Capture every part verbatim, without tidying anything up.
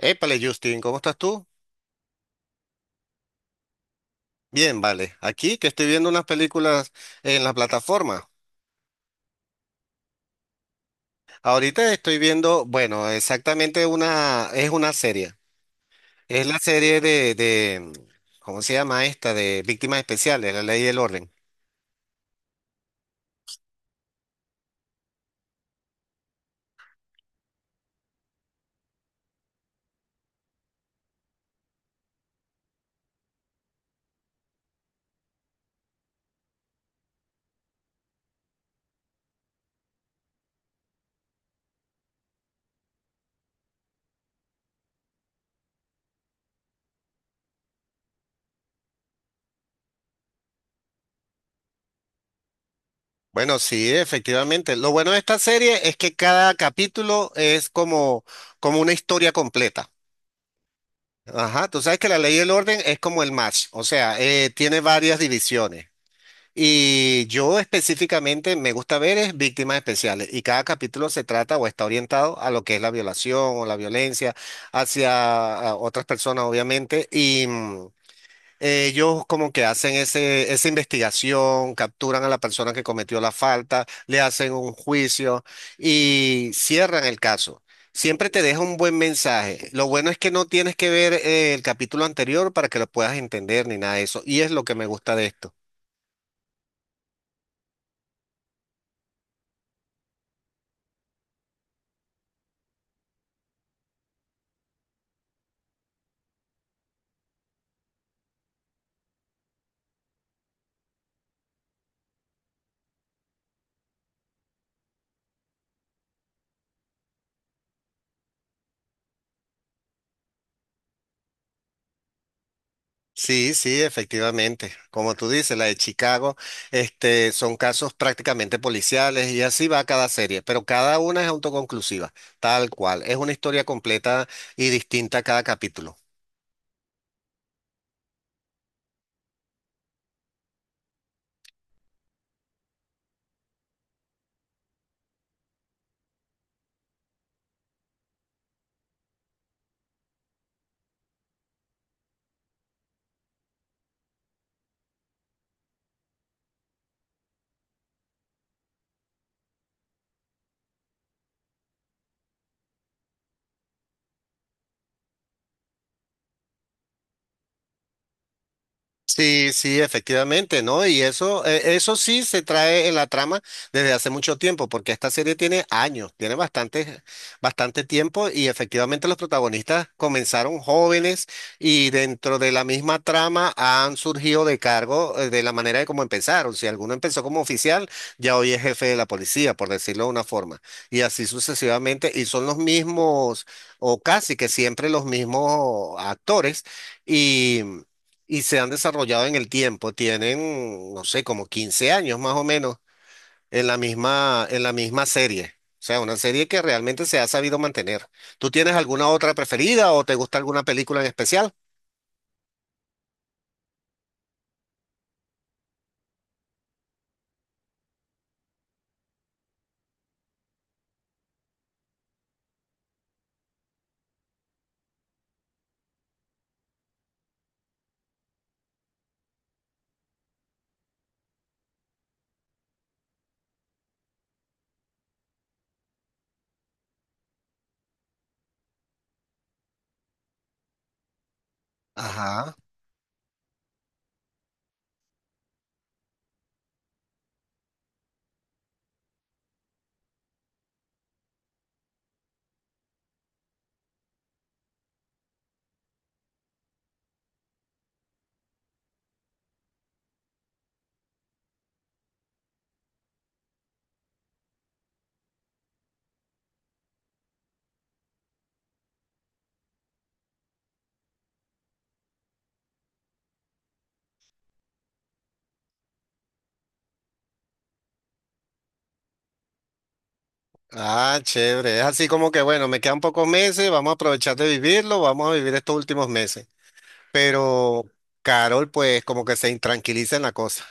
Épale, Justin, ¿cómo estás tú? Bien, vale. Aquí que estoy viendo unas películas en la plataforma. Ahorita estoy viendo, bueno, exactamente una, es una serie. Es la serie de, de, ¿cómo se llama esta? De Víctimas Especiales, La Ley y el Orden. Bueno, sí, efectivamente. Lo bueno de esta serie es que cada capítulo es como, como una historia completa. Ajá, tú sabes que La Ley y el Orden es como el match, o sea, eh, tiene varias divisiones. Y yo específicamente me gusta ver es víctimas especiales y cada capítulo se trata o está orientado a lo que es la violación o la violencia hacia a otras personas, obviamente. Y mm, ellos como que hacen ese, esa investigación, capturan a la persona que cometió la falta, le hacen un juicio y cierran el caso. Siempre te deja un buen mensaje. Lo bueno es que no tienes que ver eh, el capítulo anterior para que lo puedas entender ni nada de eso. Y es lo que me gusta de esto. Sí, sí, efectivamente. Como tú dices, la de Chicago, este, son casos prácticamente policiales y así va cada serie, pero cada una es autoconclusiva, tal cual. Es una historia completa y distinta cada capítulo. Sí, sí, efectivamente, ¿no? Y eso, eh, eso sí se trae en la trama desde hace mucho tiempo, porque esta serie tiene años, tiene bastante, bastante tiempo y efectivamente los protagonistas comenzaron jóvenes y dentro de la misma trama han surgido de cargo eh, de la manera de cómo empezaron. Si alguno empezó como oficial, ya hoy es jefe de la policía, por decirlo de una forma, y así sucesivamente, y son los mismos o casi que siempre los mismos actores y y se han desarrollado en el tiempo. Tienen, no sé, como quince años más o menos en la misma, en la misma serie. O sea, una serie que realmente se ha sabido mantener. ¿Tú tienes alguna otra preferida o te gusta alguna película en especial? Ajá. Ah, chévere. Es así como que, bueno, me quedan pocos meses, vamos a aprovechar de vivirlo, vamos a vivir estos últimos meses. Pero Carol, pues, como que se intranquiliza en la cosa.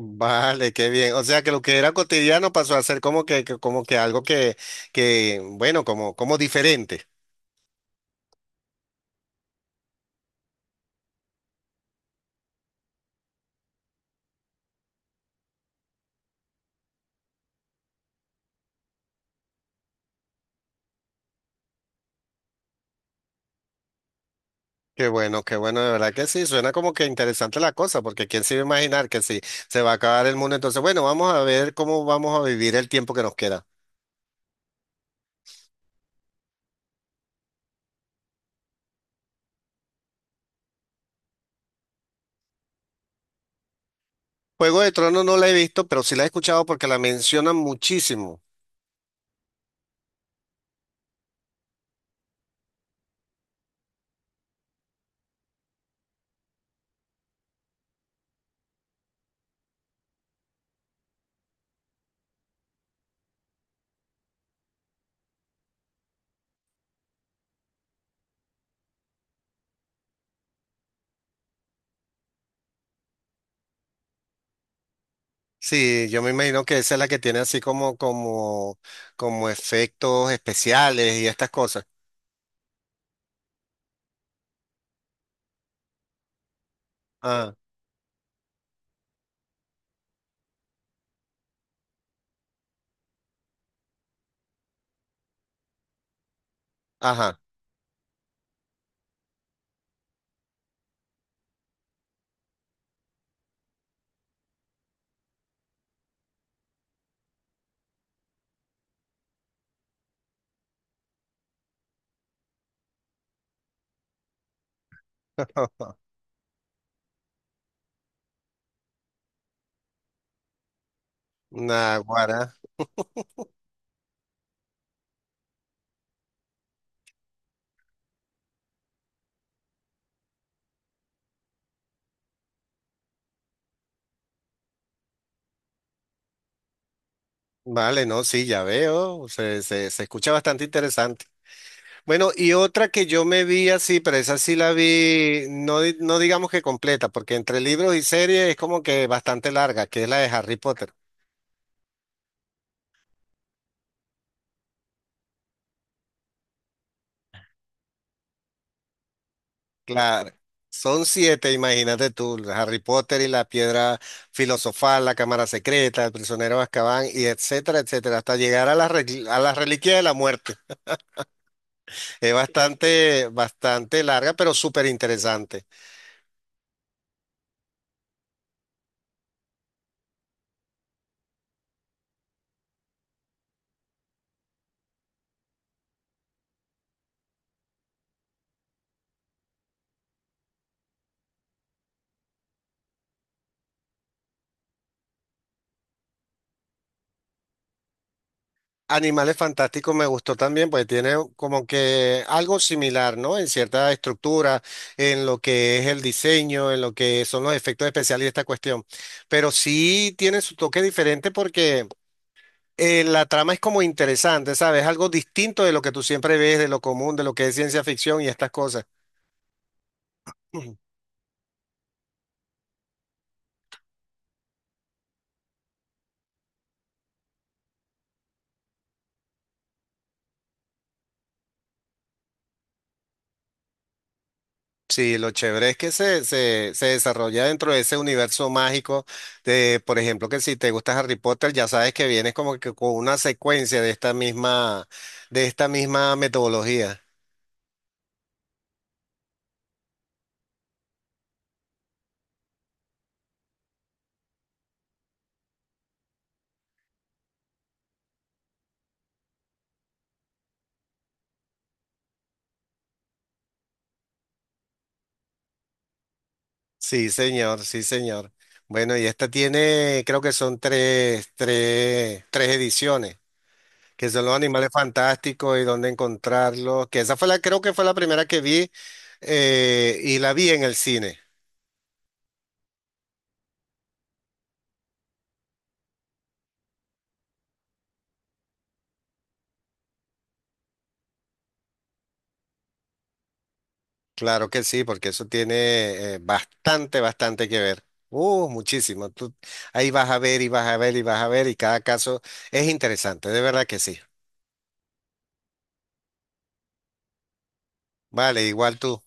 Vale, qué bien. O sea que lo que era cotidiano pasó a ser como que, que- como que algo que, que, bueno, como, como diferente. Qué bueno, qué bueno, de verdad que sí, suena como que interesante la cosa, porque quién se iba a imaginar que si se va a acabar el mundo, entonces, bueno, vamos a ver cómo vamos a vivir el tiempo que nos queda. Juego de Tronos no la he visto, pero sí la he escuchado porque la mencionan muchísimo. Sí, yo me imagino que esa es la que tiene así como, como, como efectos especiales y estas cosas. Ah, ajá. Naguará. Vale, no, sí, ya veo, se, se, se escucha bastante interesante. Bueno, y otra que yo me vi así, pero esa sí la vi, no, di- no digamos que completa, porque entre libros y series es como que bastante larga, que es la de Harry Potter. Claro, son siete, imagínate tú, Harry Potter y la piedra filosofal, la cámara secreta, el prisionero de Azkaban, y etcétera, etcétera, hasta llegar a la, reli- a la reliquia de la muerte. Es bastante, bastante larga, pero súper interesante. Animales Fantásticos me gustó también, pues tiene como que algo similar, ¿no? En cierta estructura, en lo que es el diseño, en lo que son los efectos especiales y esta cuestión. Pero sí tiene su toque diferente porque eh, la trama es como interesante, ¿sabes? Algo distinto de lo que tú siempre ves, de lo común, de lo que es ciencia ficción y estas cosas. Sí, lo chévere es que se, se, se desarrolla dentro de ese universo mágico de, por ejemplo, que si te gusta Harry Potter, ya sabes que vienes como que con una secuencia de esta misma, de esta misma metodología. Sí, señor, sí, señor. Bueno, y esta tiene, creo que son tres, tres, tres ediciones, que son los animales fantásticos y dónde encontrarlos, que esa fue la, creo que fue la primera que vi eh, y la vi en el cine. Claro que sí, porque eso tiene eh, bastante, bastante que ver. Uh, muchísimo. Tú ahí vas a ver y vas a ver y vas a ver y cada caso es interesante, de verdad que sí. Vale, igual tú.